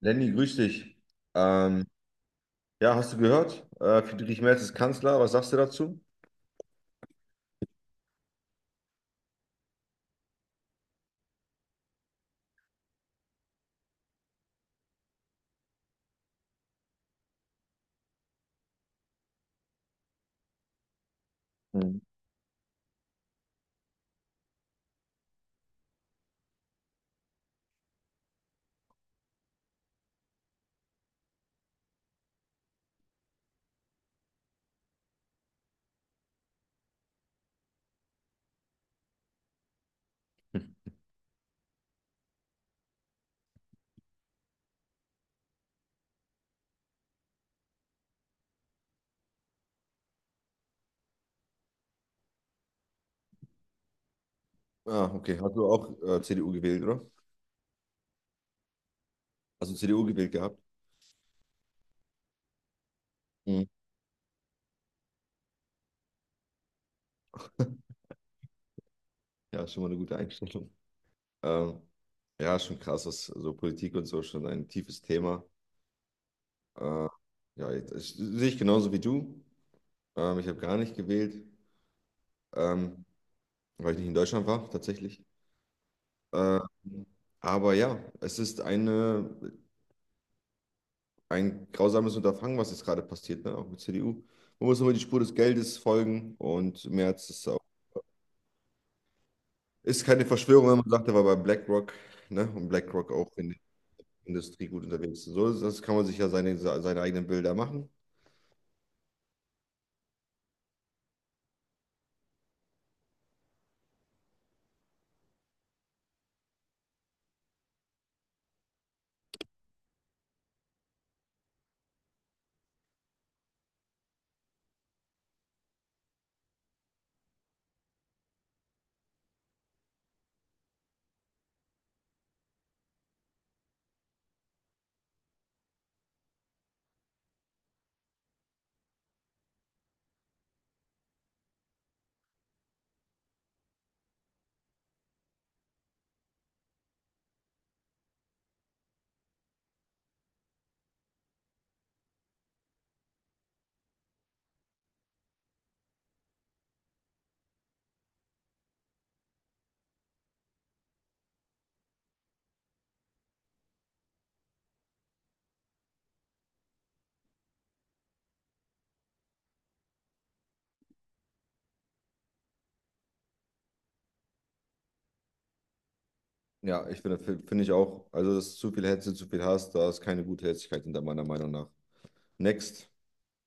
Lenny, grüß dich. Ähm, ja, hast du gehört? Friedrich Merz ist Kanzler. Was sagst du dazu? Mhm. Ah, okay. Hast du auch CDU gewählt, oder? Hast du CDU gewählt gehabt? Mhm. Ja, schon mal eine gute Einstellung. Ähm, ja, schon krass, was so Politik und so schon ein tiefes Thema. Äh, ja, jetzt, sehe ich genauso wie du. Ich habe gar nicht gewählt, ähm, weil ich nicht in Deutschland war, tatsächlich. Äh, aber ja, ein grausames Unterfangen, was jetzt gerade passiert, ne? Auch mit CDU. Man muss immer die Spur des Geldes folgen und Merz ist auch. Ist keine Verschwörung, wenn man sagt, er war bei BlackRock, ne? Und BlackRock auch in der Industrie gut unterwegs ist. So, das kann man sich ja seine eigenen Bilder machen. Ja, finde ich auch. Also, es ist zu viel Hetze, zu viel Hass, da ist keine gute Herzlichkeit hinter meiner Meinung nach. Next,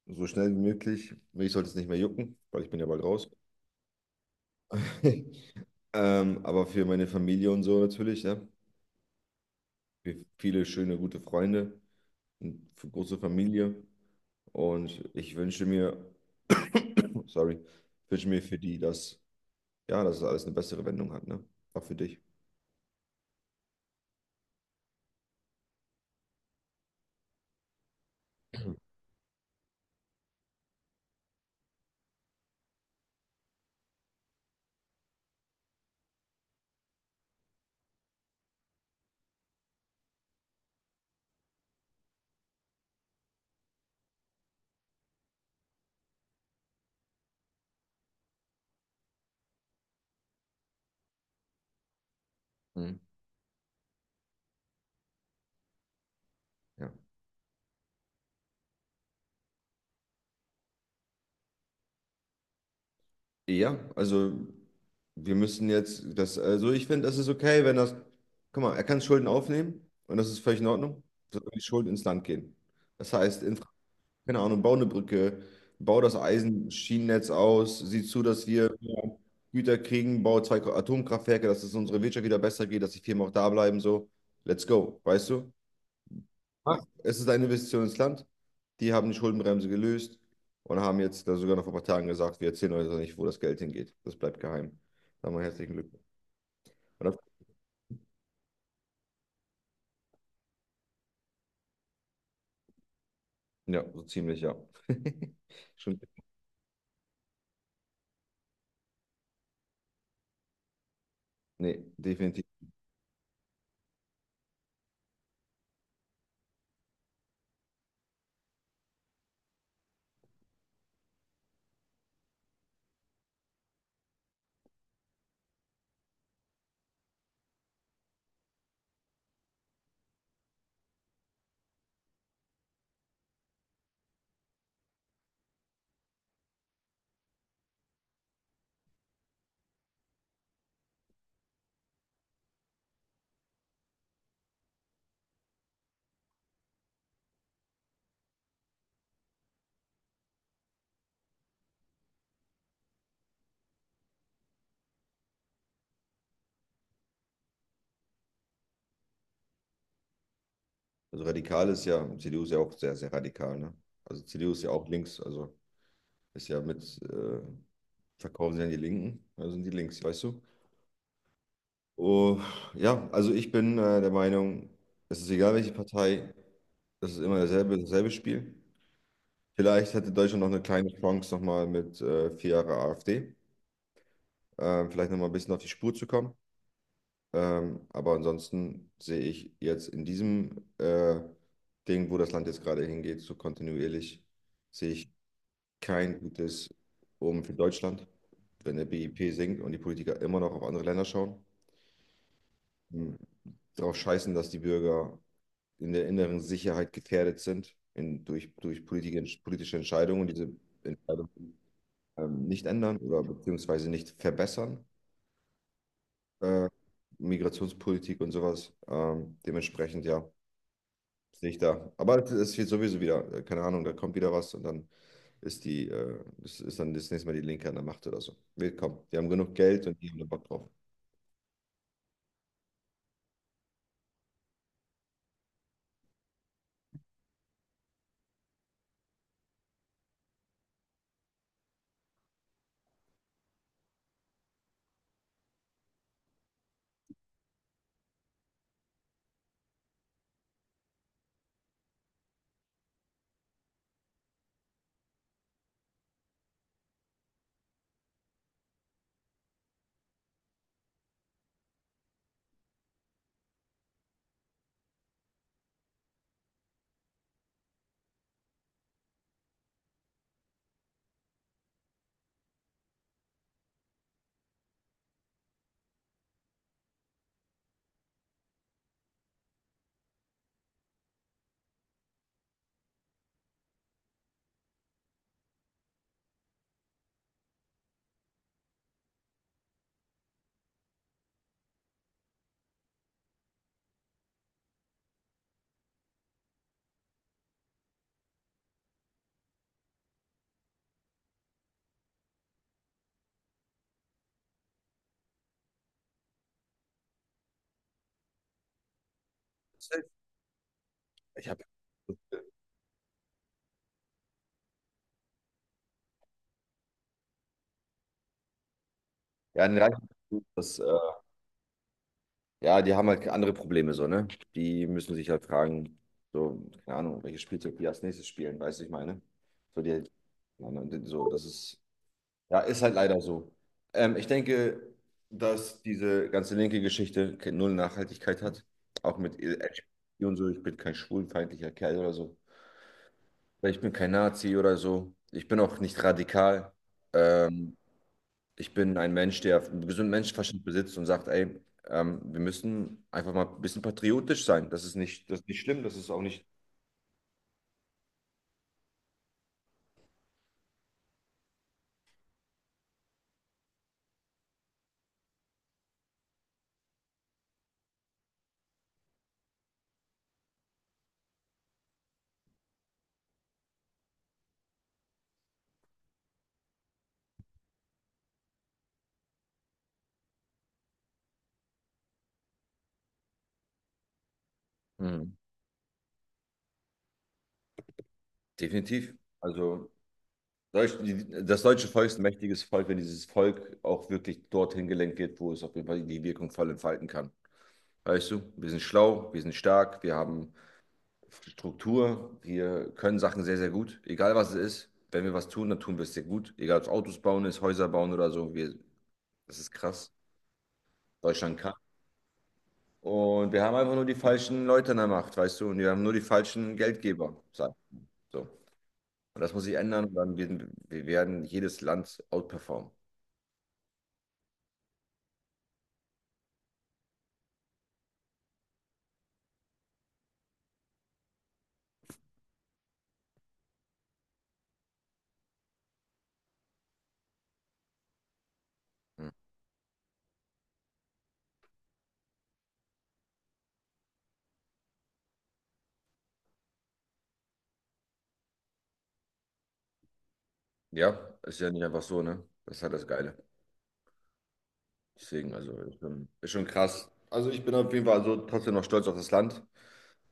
so schnell wie möglich. Mich sollte es nicht mehr jucken, weil ich bin ja bald raus. Aber für meine Familie und so natürlich, ne? Für viele schöne, gute Freunde, und für große Familie. Und ich wünsche mir, sorry, wünsche mir für ja, dass es alles eine bessere Wendung hat, ne? Auch für dich. Mhm. Ja. Ja, also wir müssen jetzt das, also ich finde, das ist okay, wenn das, guck mal, er kann Schulden aufnehmen und das ist völlig in Ordnung. Solange die Schulden ins Land gehen. Das heißt, Infra, keine Ahnung, bau eine Brücke, bau das Eisenschienennetz aus, sieh zu, dass wir mehr Güter kriegen, bau zwei Atomkraftwerke, dass es unserer Wirtschaft wieder besser geht, dass die Firmen auch da bleiben, so. Let's go, weißt du? Ja. Es ist eine Investition ins Land. Die haben die Schuldenbremse gelöst und haben jetzt da sogar noch vor ein paar Tagen gesagt, wir erzählen euch doch nicht, wo das Geld hingeht. Das bleibt geheim. Sagen wir herzlichen Glückwunsch. Und ja, so ziemlich, ja. Schon, nee, definitiv. Also radikal ist ja, CDU ist ja auch sehr, sehr radikal, ne? Also CDU ist ja auch links, also ist ja verkaufen sie an die Linken, also sind die links, weißt du? Oh, ja, also ich bin der Meinung, es ist egal, welche Partei, das ist immer dasselbe, dasselbe Spiel. Vielleicht hätte Deutschland noch eine kleine Chance, nochmal mit 4 Jahre AfD, vielleicht nochmal ein bisschen auf die Spur zu kommen. Aber ansonsten sehe ich jetzt in diesem Ding, wo das Land jetzt gerade hingeht, so kontinuierlich, sehe ich kein gutes Omen für Deutschland, wenn der BIP sinkt und die Politiker immer noch auf andere Länder schauen, m, darauf scheißen, dass die Bürger in der inneren Sicherheit gefährdet sind durch politische Entscheidungen. Diese Entscheidungen nicht ändern oder beziehungsweise nicht verbessern. Äh, Migrationspolitik und sowas. Dementsprechend, ja, sehe ich da. Aber es wird sowieso wieder, keine Ahnung, da kommt wieder was und dann ist dann das nächste Mal die Linke an der Macht oder so. Wird Willkommen. Die haben genug Geld und die haben da Bock drauf. Ich habe Ja, den Reichen, das, äh, ja, die haben halt andere Probleme so, ne? Die müssen sich halt fragen, so, keine Ahnung, welches Spielzeug die als nächstes spielen, weißt du, ich meine. So, die, so, das ist Ja, ist halt leider so. Ich denke, dass diese ganze linke Geschichte null Nachhaltigkeit hat. Auch mit LGBT und so. Ich bin kein schwulenfeindlicher Kerl oder so. Weil ich bin kein Nazi oder so. Ich bin auch nicht radikal. Ähm, ich bin ein Mensch, der einen gesunden Menschenverstand besitzt und sagt, ey, wir müssen einfach mal ein bisschen patriotisch sein. Das ist nicht schlimm, das ist auch nicht. Mhm. Definitiv. Also das deutsche Volk ist ein mächtiges Volk, wenn dieses Volk auch wirklich dorthin gelenkt wird, wo es auf jeden Fall die Wirkung voll entfalten kann. Weißt du, wir sind schlau, wir sind stark, wir haben Struktur, wir können Sachen sehr, sehr gut. Egal was es ist, wenn wir was tun, dann tun wir es sehr gut. Egal ob es Autos bauen ist, Häuser bauen oder so. Wir, das ist krass. Deutschland kann. Und wir haben einfach nur die falschen Leute in der Macht, weißt du, und wir haben nur die falschen Geldgeber. So. Und das muss sich ändern, dann werden wir werden jedes Land outperformen. Mhm. Ja, ist ja nicht einfach so, ne? Das ist halt das Geile. Deswegen, also, ist schon krass. Also, ich bin auf jeden Fall also trotzdem noch stolz auf das Land,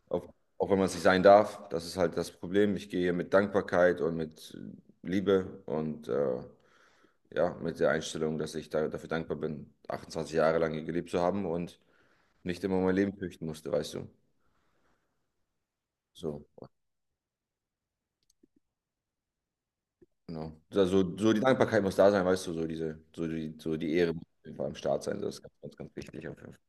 auf, auch wenn man es nicht sein darf. Das ist halt das Problem. Ich gehe hier mit Dankbarkeit und mit Liebe und ja, mit der Einstellung, dafür dankbar bin, 28 Jahre lang hier gelebt zu haben und nicht immer mein Leben fürchten musste, weißt du? So, genau. Also, so die Dankbarkeit muss da sein, weißt du, so die Ehre muss auf jeden Fall am Start sein. So, das ist ganz, ganz, ganz wichtig auf jeden Fall.